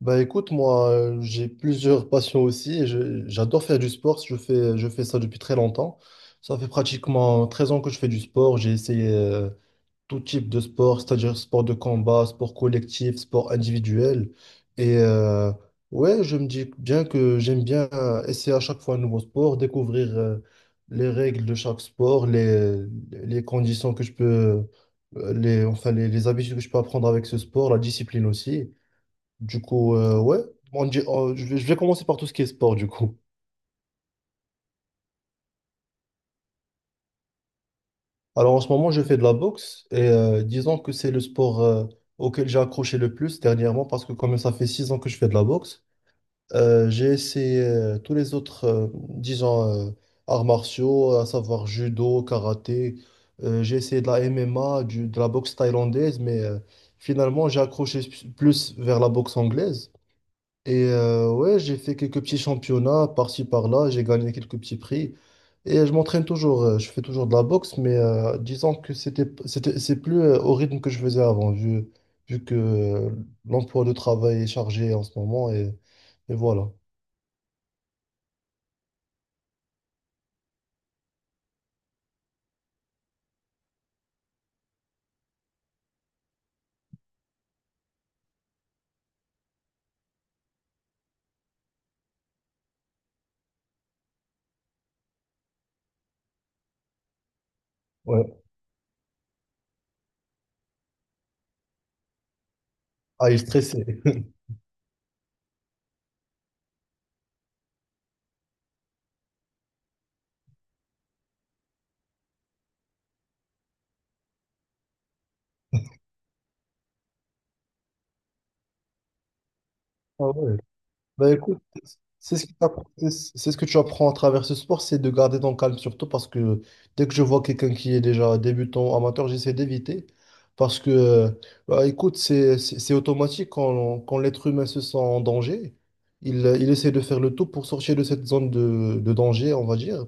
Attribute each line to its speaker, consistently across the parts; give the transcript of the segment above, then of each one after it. Speaker 1: Bah écoute, moi j'ai plusieurs passions aussi et j'adore faire du sport, je fais ça depuis très longtemps. Ça fait pratiquement 13 ans que je fais du sport, j'ai essayé tout type de sport, c'est-à-dire sport de combat, sport collectif, sport individuel. Et euh, ouais, je me dis bien que j'aime bien essayer à chaque fois un nouveau sport, découvrir les règles de chaque sport, les conditions que je peux, enfin les habitudes que je peux apprendre avec ce sport, la discipline aussi. Du coup, ouais, je vais commencer par tout ce qui est sport, du coup. Alors, en ce moment, je fais de la boxe et disons que c'est le sport auquel j'ai accroché le plus dernièrement parce que comme ça fait 6 ans que je fais de la boxe, j'ai essayé tous les autres, disons, euh, arts martiaux, à savoir judo, karaté. J'ai essayé de la MMA, de la boxe thaïlandaise, mais finalement, j'ai accroché plus vers la boxe anglaise. Ouais, j'ai fait quelques petits championnats par-ci par-là, j'ai gagné quelques petits prix. Et je m'entraîne toujours, je fais toujours de la boxe, mais disons que c'est plus au rythme que je faisais avant, vu que l'emploi de travail est chargé en ce moment, et voilà. Ouais. Ah, il est stressé. Ah ouais. Bah écoute, c'est ce que tu apprends à travers ce sport, c'est de garder ton calme surtout parce que dès que je vois quelqu'un qui est déjà débutant, amateur, j'essaie d'éviter parce que, bah, écoute, c'est automatique quand l'être humain se sent en danger, il essaie de faire le tout pour sortir de cette zone de danger, on va dire.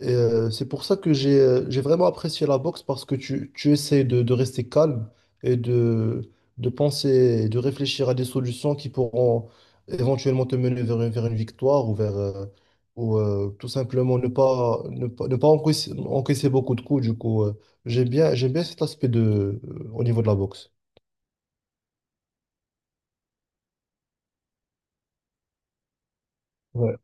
Speaker 1: Et, c'est pour ça que j'ai vraiment apprécié la boxe parce que tu essaies de rester calme et de, de penser et de réfléchir à des solutions qui pourront éventuellement te mener vers vers une victoire ou vers ou tout simplement ne pas encaisser beaucoup de coups. Du coup, j'aime bien cet aspect de au niveau de la boxe. Ouais.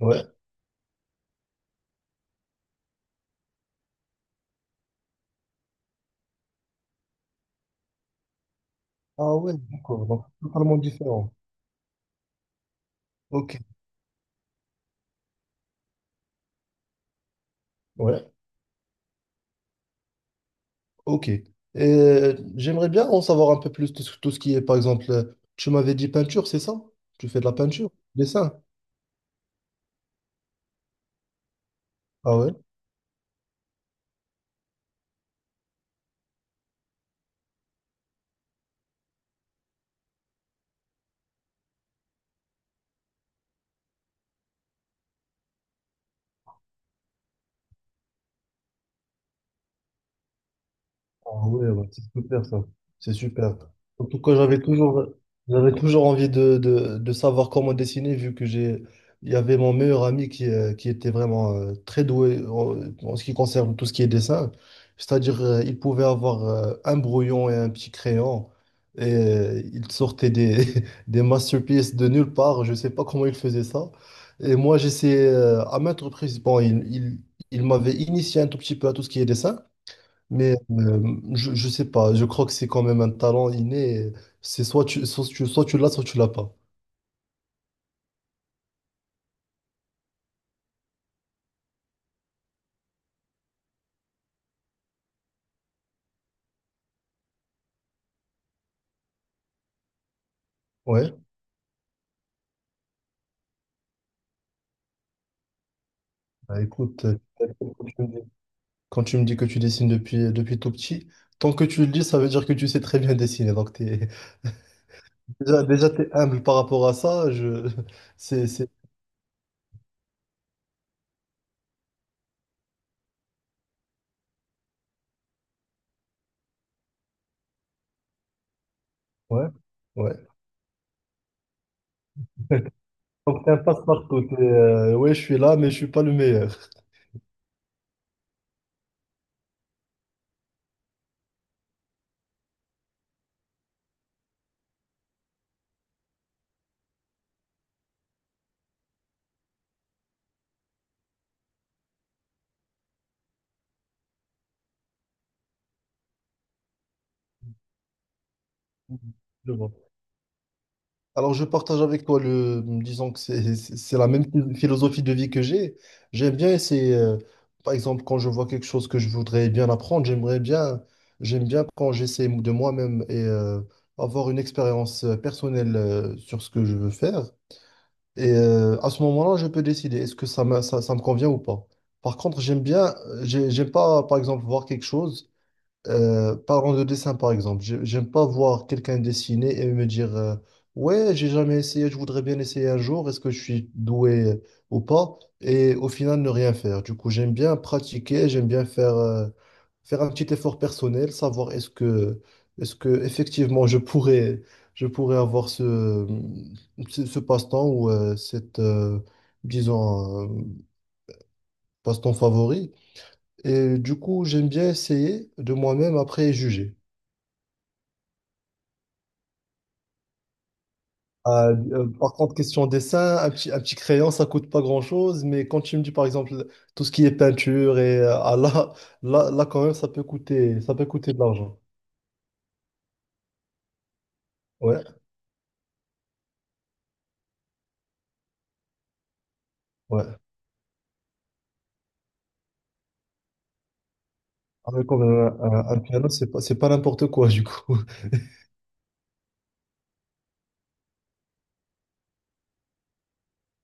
Speaker 1: Ouais. Ah ouais, d'accord. Donc, totalement différent. Ok. Ouais. Ok. J'aimerais bien en savoir un peu plus sur tout ce qui est, par exemple, tu m'avais dit peinture, c'est ça? Tu fais de la peinture, dessin. Ah ouais? Ah ouais, ouais, c'est super ça. C'est super. En tout cas, j'avais toujours envie de savoir comment dessiner, vu que il y avait mon meilleur ami qui était vraiment très doué en, en ce qui concerne tout ce qui est dessin. C'est-à-dire, il pouvait avoir un brouillon et un petit crayon, et il sortait des, des masterpieces de nulle part. Je ne sais pas comment il faisait ça. Et moi, j'essayais à maintes reprises. Bon, il m'avait initié un tout petit peu à tout ce qui est dessin. Mais je sais pas, je crois que c'est quand même un talent inné. C'est soit tu l'as pas. Ouais, bah écoute, quand tu me dis quand tu me dis que tu dessines depuis, depuis tout petit, tant que tu le dis, ça veut dire que tu sais très bien dessiner. Donc déjà t'es humble par rapport à ça. C'est, c'est, ouais, ouais. Donc t'es un passe-partout. Ouais, je suis là, mais je suis pas le meilleur. Je vois. Alors, je partage avec toi le, disons que c'est la même philosophie de vie que j'ai. J'aime bien essayer, par exemple, quand je vois quelque chose que je voudrais bien apprendre, j'aimerais bien, j'aime bien quand j'essaie de moi-même et avoir une expérience personnelle sur ce que je veux faire. Et à ce moment-là, je peux décider est-ce que ça me convient ou pas. Par contre, j'aime bien, j'aime pas, par exemple, voir quelque chose. Parlons de dessin par exemple. J'aime pas voir quelqu'un dessiner et me dire ouais, j'ai jamais essayé, je voudrais bien essayer un jour, est-ce que je suis doué ou pas? Et au final, ne rien faire. Du coup, j'aime bien pratiquer, j'aime bien faire, faire un petit effort personnel, savoir est-ce que effectivement je pourrais avoir ce passe-temps ou disons, euh, passe-temps favori. Et du coup, j'aime bien essayer de moi-même après juger. Ah, par contre, question dessin, un petit crayon, ça coûte pas grand-chose, mais quand tu me dis par exemple tout ce qui est peinture et là quand même ça peut coûter de l'argent. Ouais, ouais. Ah, mais quand même, un piano, c'est pas n'importe quoi du coup.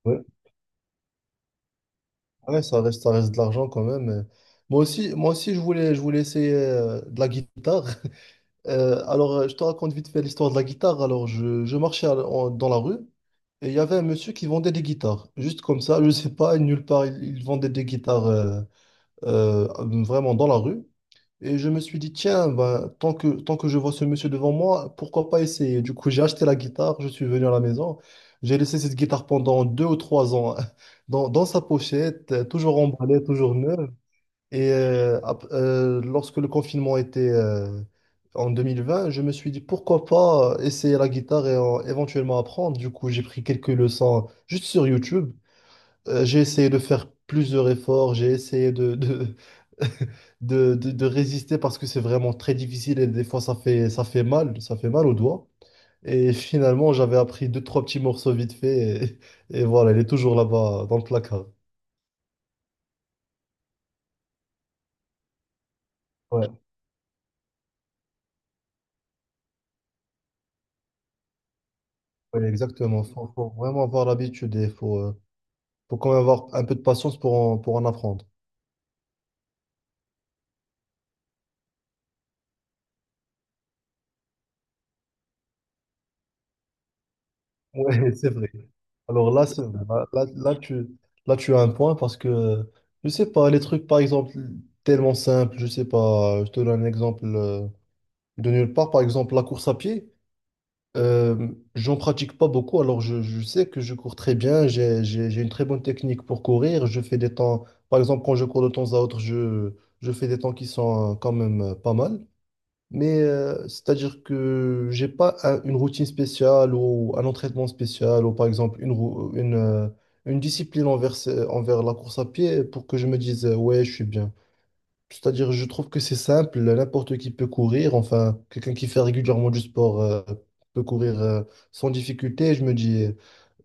Speaker 1: Ouais, ouais, ça reste de l'argent quand même. Moi aussi, je voulais essayer de la guitare. Je te raconte vite fait l'histoire de la guitare. Alors, je marchais dans la rue et il y avait un monsieur qui vendait des guitares. Juste comme ça, je sais pas, nulle part, il vendait des guitares euh, vraiment dans la rue. Et je me suis dit, tiens, ben, tant que je vois ce monsieur devant moi, pourquoi pas essayer? Du coup, j'ai acheté la guitare, je suis venu à la maison. J'ai laissé cette guitare pendant deux ou trois ans dans sa pochette, toujours emballée, toujours neuve. Et lorsque le confinement était en 2020, je me suis dit pourquoi pas essayer la guitare et éventuellement apprendre. Du coup, j'ai pris quelques leçons juste sur YouTube. J'ai essayé de faire plusieurs efforts, j'ai essayé de résister parce que c'est vraiment très difficile et des fois ça fait mal aux doigts. Et finalement, j'avais appris deux, trois petits morceaux vite fait et, et voilà, elle est toujours là-bas dans le placard. Ouais, ouais, exactement. Faut vraiment avoir l'habitude et faut, faut quand même avoir un peu de patience pour en apprendre. Ouais, c'est vrai. Alors là, c'est vrai. Là, tu as un point parce que, je sais pas, les trucs, par exemple, tellement simples, je sais pas, je te donne un exemple de nulle part, par exemple, la course à pied, euh, j'en pratique pas beaucoup, alors je sais que je cours très bien, j'ai une très bonne technique pour courir, je fais des temps, par exemple, quand je cours de temps à autre, je fais des temps qui sont quand même pas mal. Mais c'est-à-dire que j'ai pas une routine spéciale ou un entraînement spécial ou par exemple une discipline envers, envers la course à pied pour que je me dise ouais, je suis bien. C'est-à-dire je trouve que c'est simple, n'importe qui peut courir, enfin quelqu'un qui fait régulièrement du sport peut courir sans difficulté. Je me dis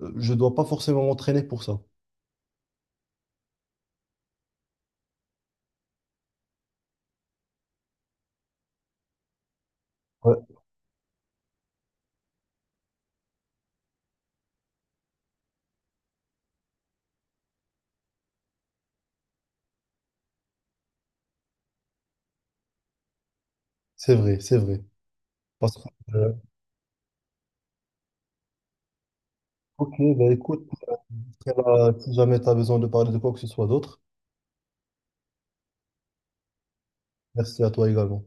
Speaker 1: je dois pas forcément m'entraîner pour ça. Ouais, c'est vrai, c'est vrai. Parce que, euh, ok, bah écoute, pour cela, si jamais tu as besoin de parler de quoi que ce soit d'autre, merci à toi également.